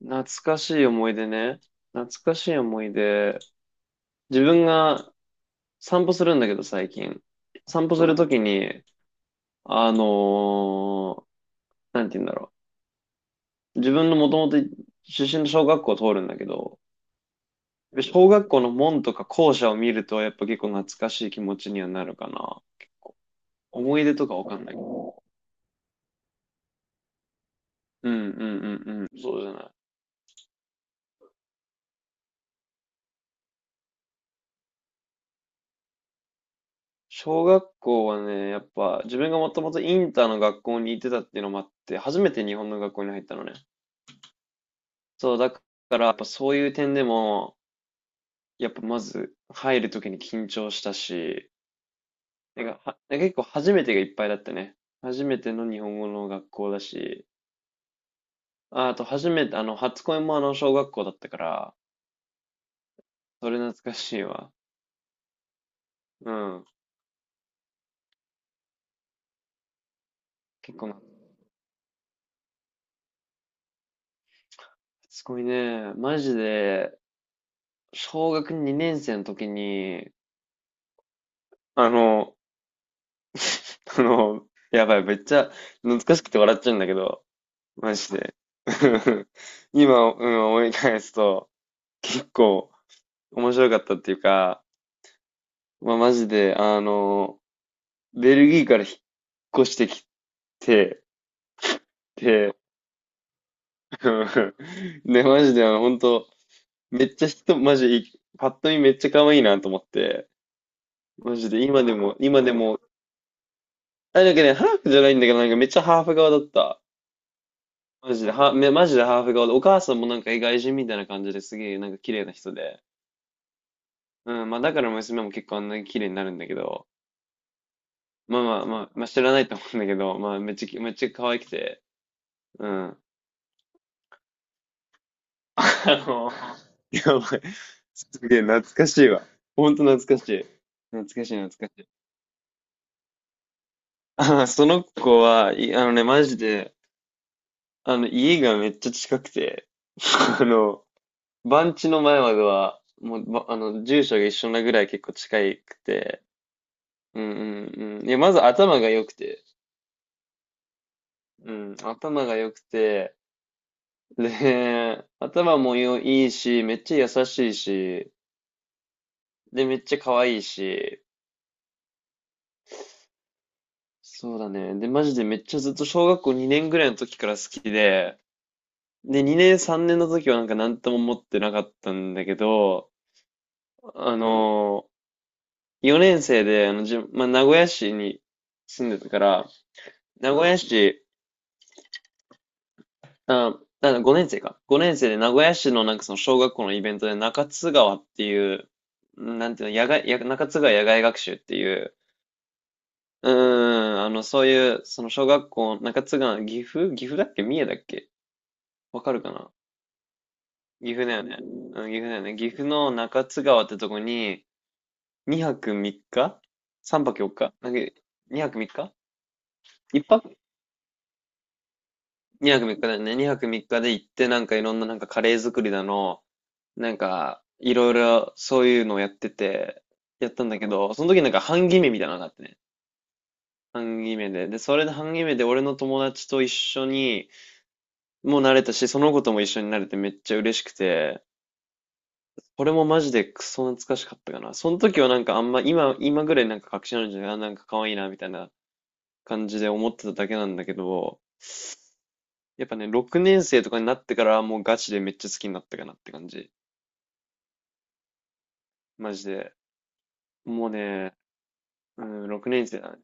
懐かしい思い出ね。懐かしい思い出。自分が散歩するんだけど、最近。散歩するときに、あのーなんて言うんだろう。自分のもともと出身の小学校を通るんだけど、小学校の門とか校舎を見ると、やっぱ結構懐かしい気持ちにはなるかな。思い出とかわかんない。うんうんうんうん。そうじゃない。小学校はね、やっぱ自分がもともとインターの学校に行ってたっていうのもあって、初めて日本の学校に入ったのね。そう、だからやっぱそういう点でも、やっぱまず入るときに緊張したし、なんかは、結構初めてがいっぱいだったね。初めての日本語の学校だし、あ、あと初めて、初恋もあの小学校だったから、それ懐かしいわ。うん。結構な、初恋ね、マジで、小学2年生の時に、あの、あの、やばい、めっちゃ懐かしくて笑っちゃうんだけど、マジで。今、うん、思い返すと、結構面白かったっていうか、まあ、マジで、ベルギーから引っ越してきて、で、で、マジで、本当めっちゃ人、マジい、パッと見めっちゃ可愛いなと思って、マジで、今でも、あ、なんかね、ハーフじゃないんだけど、なんかめっちゃハーフ側だった。マジで、マジでハーフ顔で、お母さんもなんか外人みたいな感じですげえ、なんか綺麗な人で。うん、まあだから娘も結構あんなに綺麗になるんだけど、まあまあまあ、まあ、知らないと思うんだけど、まあめっちゃ、めっちゃ可愛くて、うん。あの、やばい。すげえ懐かしいわ。ほんと懐かしい。懐かしい懐かしい。その子は、あのね、マジで、家がめっちゃ近くて、あの、番地の前までは、もう、ばあの、住所が一緒なぐらい結構近くて、うんうんうん。いや、まず頭が良くて、うん、頭が良くて、で、頭もいいし、めっちゃ優しいし、で、めっちゃ可愛いし、そうだね。で、マジでめっちゃずっと小学校2年ぐらいの時から好きで、で、2年3年の時はなんか何とも思ってなかったんだけど、あの4年生で、まあ、名古屋市に住んでたから、名古屋市、5年生か。5年生で名古屋市のなんかその小学校のイベントで中津川っていう、なんていうの、野外、や中津川野外学習っていう、その小学校、中津川、岐阜だっけ三重だっけわかるかな岐阜だよね。うん、岐阜だよね。岐阜の中津川ってとこに、2泊3日 ?3 泊4日なんか、2泊3日 ?1 泊 ?2 泊3日だよね。2泊3日で行って、なんかいろんななんかカレー作りだの、なんか、いろいろそういうのをやってて、やったんだけど、その時なんか半決めみたいなのがあってね。半決めで。で、それで半決めで俺の友達と一緒に、もう慣れたし、その子とも一緒になれてめっちゃ嬉しくて、これもマジでクソ懐かしかったかな。その時はなんかあんま、今ぐらいなんか確信あるんじゃないあ、なんか可愛いな、みたいな感じで思ってただけなんだけど、やっぱね、6年生とかになってからもうガチでめっちゃ好きになったかなって感じ。マジで。もうね、うん、6年生だね。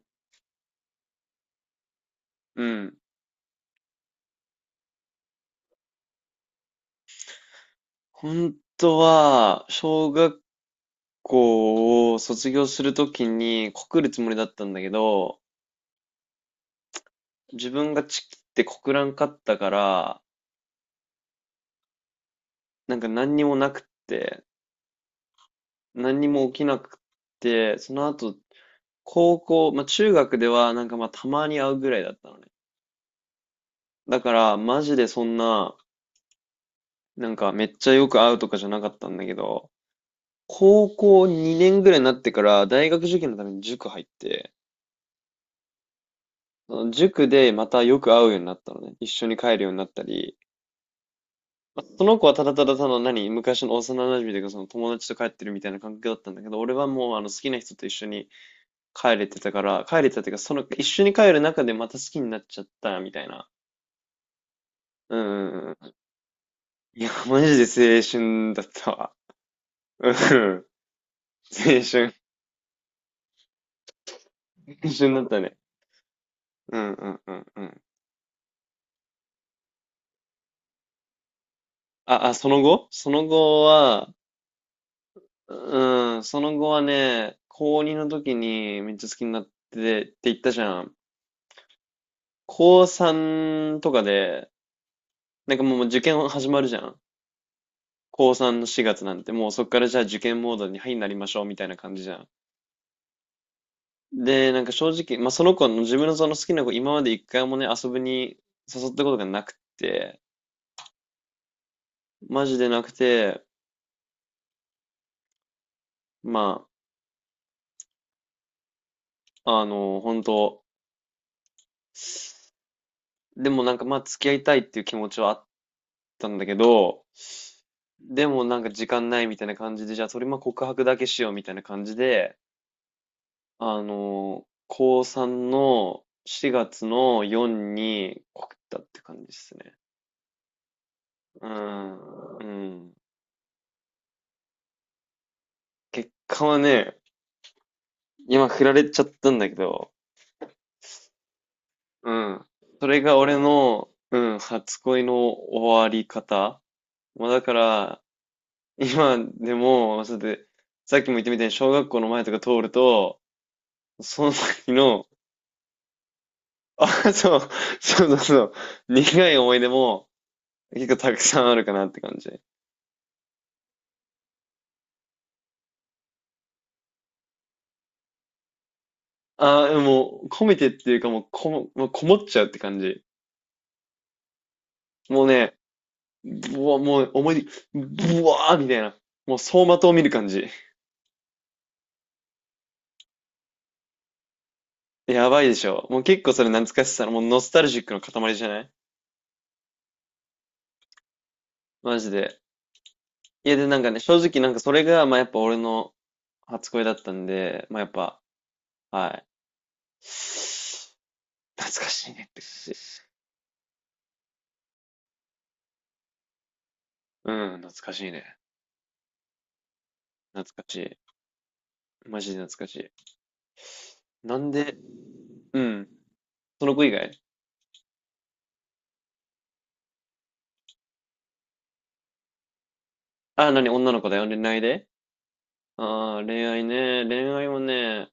うん。本当は、小学校を卒業するときに告るつもりだったんだけど、自分がチキって告らんかったから、なんか何にもなくって、何にも起きなくって、その後、まあ中学ではなんかまあたまに会うぐらいだったのね。だから、マジでそんな、なんかめっちゃよく会うとかじゃなかったんだけど、高校2年ぐらいになってから大学受験のために塾入って、その塾でまたよく会うようになったのね。一緒に帰るようになったり、まあその子はただただたの何、昔の幼馴染というかその友達と帰ってるみたいな感覚だったんだけど、俺はもうあの好きな人と一緒に帰れてたっていうか、その、一緒に帰る中でまた好きになっちゃった、みたいな。うんうんうん。いや、マジで青春だったわ。うん。青春。青春だったね。うんうんうんうん。その後は、うん、その後はね、高2の時にめっちゃ好きになってって言ったじゃん。高3とかで、なんかもう受験始まるじゃん。高3の4月なんて、もうそっからじゃあ受験モードに、はい、なりましょうみたいな感じじゃん。で、なんか正直、まあ、その子の自分のその好きな子、今まで一回もね、遊びに誘ったことがなくて、マジでなくて、まあ、本当でもなんかまあ、付き合いたいっていう気持ちはあったんだけど、でもなんか時間ないみたいな感じで、じゃあそれまあ告白だけしようみたいな感じで、高3の4月の4に告ったって感じですね。うん、うん。結果はね、今振られちゃったんだけど、うん。それが俺の、うん、初恋の終わり方。まあ、だから、今でも、そうやって、さっきも言ったみたいに小学校の前とか通ると、その時の、あ、そう、そうそうそう、苦い思い出も結構たくさんあるかなって感じ。あ、もう込めてっていうかもうこもっちゃうって感じ。もうね、ぶわ、もう思い出、ぶわーみたいな。もう走馬灯を見る感じ。やばいでしょ。もう結構それ懐かしさの、もうノスタルジックの塊じゃないマジで。いや、で、なんかね、正直なんかそれが、まあやっぱ俺の初恋だったんで、まあやっぱ、はい。懐かしいねって感じです。うん、懐かしいね。懐かしい。マジで懐かしい。なんで、うん。その子以外あ、何女の子だよ。恋愛で恋愛ね。恋愛はね、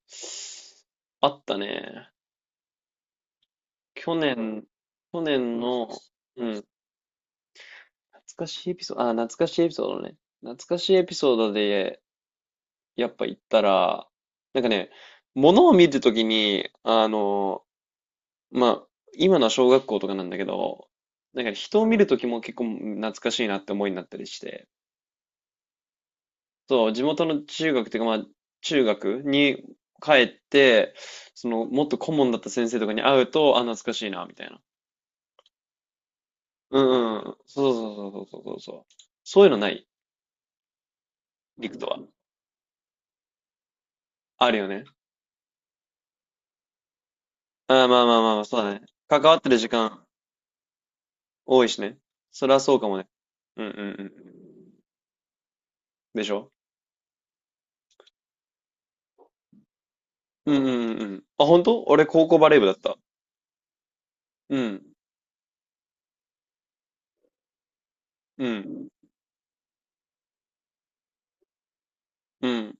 あったね。去年、去年の、うん懐かしいエピソード、あ、懐かしいエピソードね。懐かしいエピソードで、やっぱ言ったら、なんかね、物を見るときに、まあ、今のは小学校とかなんだけど、なんかね人を見るときも結構懐かしいなって思いになったりして、そう、地元の中学っていうか、まあ、中学に帰って、その、もっと顧問だった先生とかに会うと、あ、懐かしいな、みたいな。うんうん。そうそうそうそうそうそう。そういうのないリクトは。あるよね。ああ、まあまあまあまあ、そうだね。関わってる時間多いしね。それはそうかもね。うんうんうんうん。でしょうんうんうんうん。あ、本当俺高校バレー部だった。うん、うん、うん。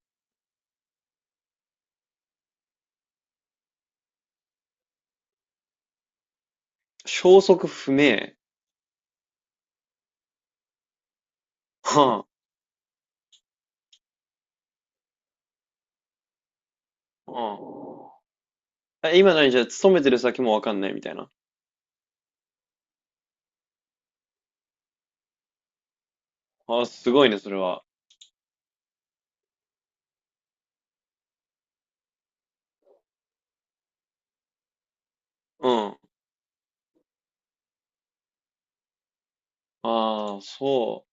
消息不明。ははあ。え、今何じゃあ勤めてる先もわかんないみたいな。あ、すごいね、それは。うん。ああ、そう。